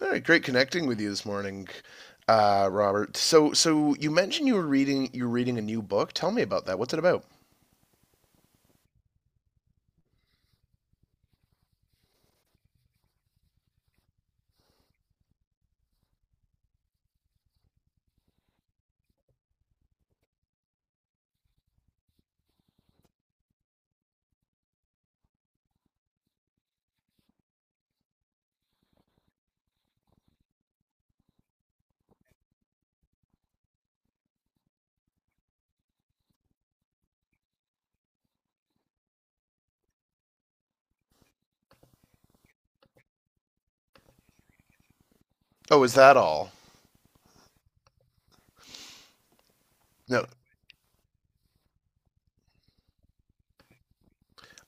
All right, great connecting with you this morning, Robert. So you mentioned you're reading a new book. Tell me about that. What's it about? Oh, is that all? No,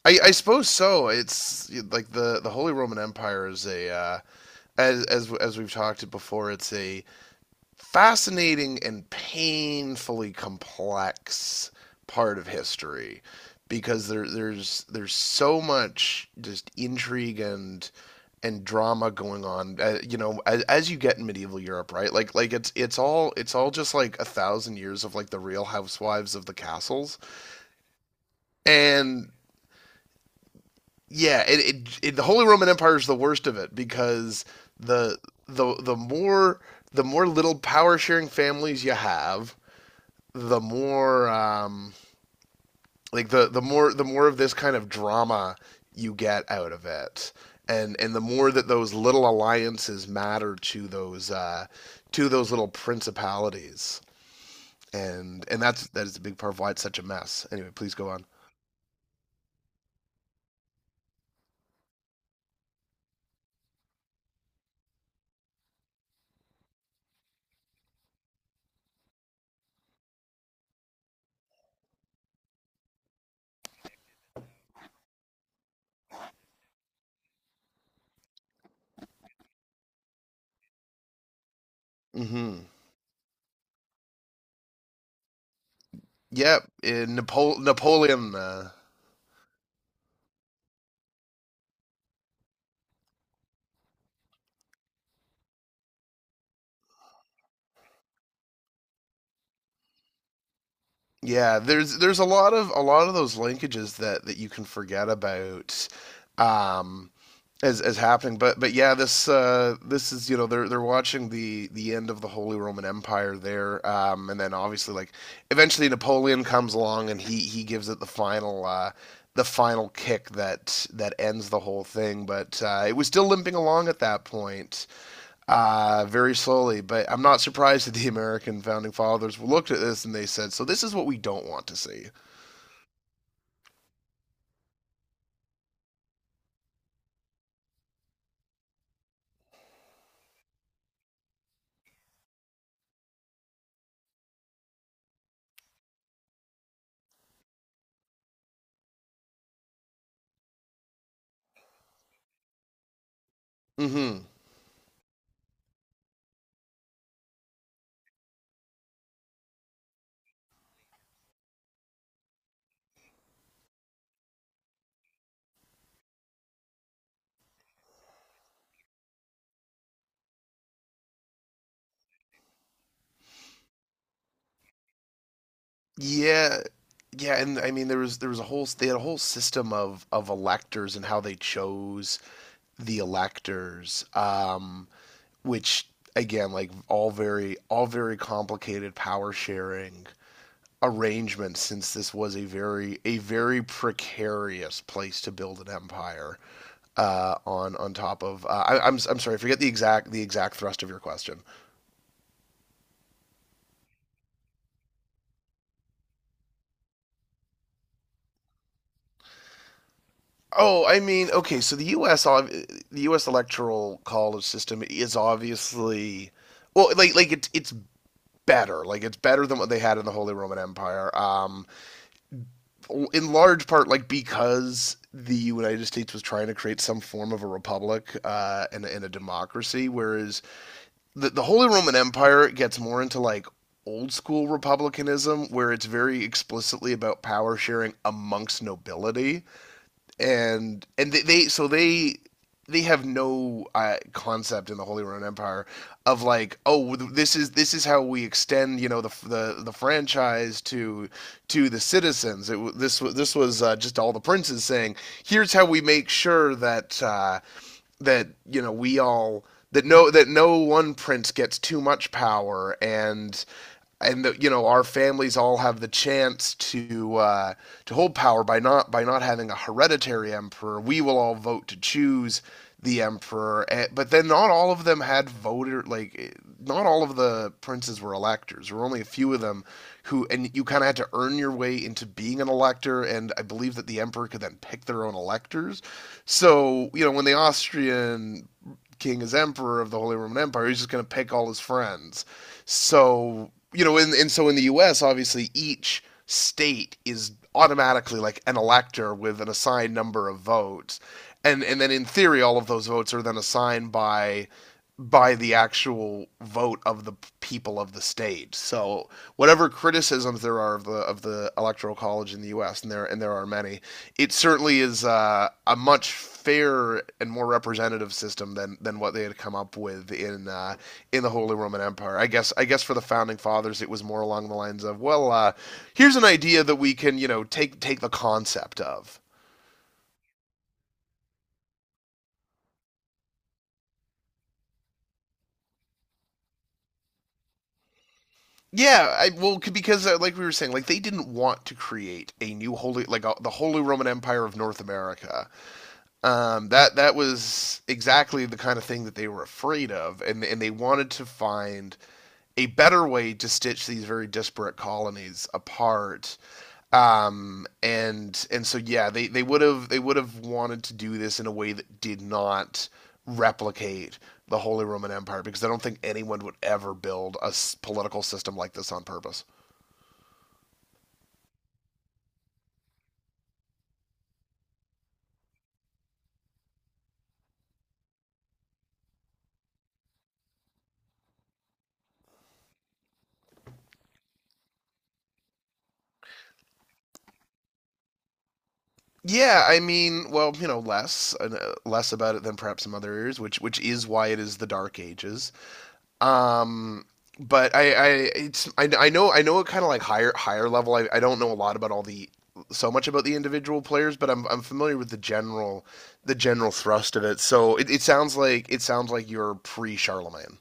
I suppose so. It's like the Holy Roman Empire is a as we've talked it before. It's a fascinating and painfully complex part of history because there's so much just intrigue and drama going on, you know, as you get in medieval Europe, right, like it's all just like a thousand years of like the real housewives of the castles. And yeah, it, the Holy Roman Empire is the worst of it because the the the more the more little power sharing families you have, the more, like the more of this kind of drama you get out of it, and the more that those little alliances matter to those, to those little principalities, and that is a big part of why it's such a mess. Anyway, please go on. Mm-hmm. Yep, in Napoleon. Yeah, there's a lot of those linkages that that you can forget about. Um, as happening. But yeah, this, this is, you know, they're watching the end of the Holy Roman Empire there, and then obviously like eventually Napoleon comes along and he gives it the final. The final kick that that ends the whole thing. But, it was still limping along at that point, very slowly. But I'm not surprised that the American founding fathers looked at this and they said, "So this is what we don't want to see." Mm-hmm. Yeah, yeah, and I mean there was a whole they had a whole system of electors and how they chose the electors, which again like all very complicated power sharing arrangements since this was a very precarious place to build an empire, on top of, I'm sorry, I forget the exact thrust of your question. Oh, I mean, okay, so the U.S. The U.S. electoral college system is obviously, well, like it's better, like it's better than what they had in the Holy Roman Empire. In large part, like because the United States was trying to create some form of a republic, and a democracy, whereas the Holy Roman Empire gets more into like old school republicanism where it's very explicitly about power sharing amongst nobility. And they so they have no, concept in the Holy Roman Empire of like, oh, this is how we extend, you know, the franchise to the citizens. This this was, just all the princes saying, here's how we make sure that, that you know we all that that no one prince gets too much power and the, you know, our families all have the chance to, to hold power by not having a hereditary emperor. We will all vote to choose the emperor, but then not all of them had not all of the princes were electors. There were only a few of them who, and you kind of had to earn your way into being an elector. And I believe that the emperor could then pick their own electors. So you know when the Austrian king is emperor of the Holy Roman Empire. He's just going to pick all his friends. So you know, and so in the U.S., obviously, each state is automatically like an elector with an assigned number of votes, and then in theory, all of those votes are then assigned by the actual vote of the people of the state. So whatever criticisms there are of the electoral college in the U.S., and there are many, it certainly is, a much fairer and more representative system than what they had come up with in, in the Holy Roman Empire. I guess for the founding fathers, it was more along the lines of, well, here's an idea that we can, you know, take the concept of. Yeah, I, well, because, like we were saying, like they didn't want to create a new holy, like, the Holy Roman Empire of North America. That was exactly the kind of thing that they were afraid of, and they wanted to find a better way to stitch these very disparate colonies apart. And so yeah, they would have wanted to do this in a way that did not replicate the Holy Roman Empire, because I don't think anyone would ever build a political system like this on purpose. Yeah, I mean, well, you know, less, less about it than perhaps some other areas, which is why it is the Dark Ages. Um, but I it's, I know, I know a kind of like higher level. I don't know a lot about all the so much about the individual players, but I'm familiar with the general thrust of it. So it sounds like you're pre Charlemagne.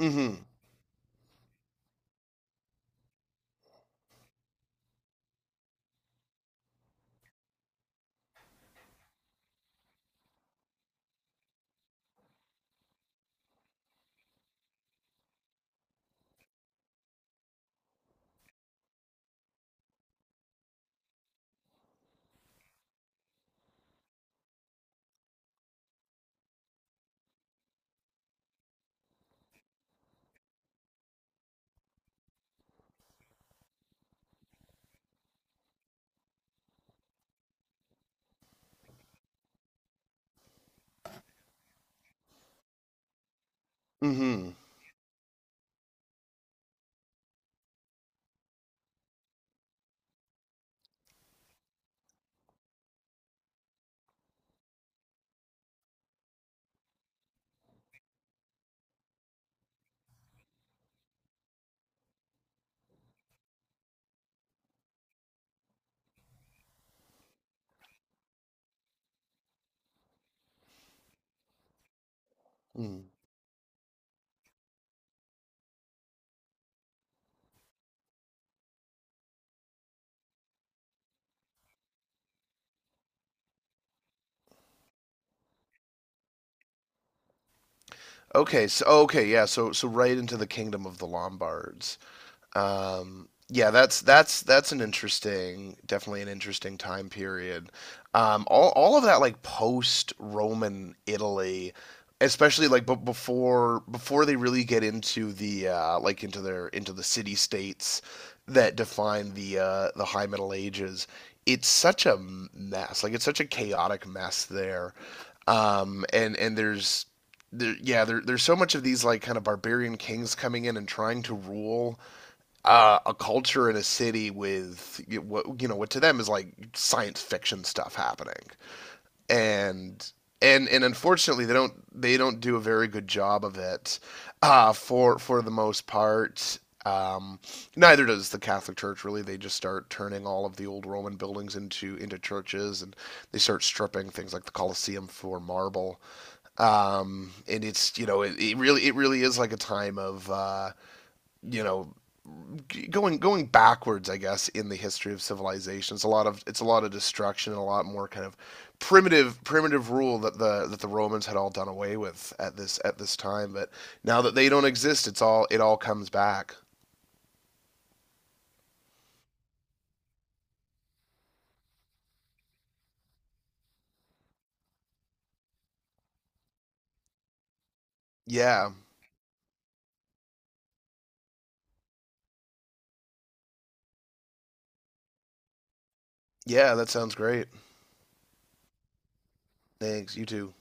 Mm-hmm. Mm-hmm. Mm. Okay. So okay. Yeah. So right into the kingdom of the Lombards. Yeah, that's an interesting, definitely an interesting time period. All of that like post-Roman Italy, especially like but before they really get into the, like into their into the city states that define the, the High Middle Ages. It's such a mess. Like it's such a chaotic mess there. And yeah, there, there's so much of these like kind of barbarian kings coming in and trying to rule, a culture in a city with what you know what to them is like science fiction stuff happening, and and unfortunately they don't do a very good job of it, for the most part. Um, neither does the Catholic Church really. They just start turning all of the old Roman buildings into churches, and they start stripping things like the Colosseum for marble. And it's, you know, it really is like a time of, you know, going backwards, I guess, in the history of civilization. It's a lot of destruction and a lot more kind of primitive rule that the Romans had all done away with at this time. But now that they don't exist, it's all comes back. Yeah, yeah, that sounds great. Thanks, you too.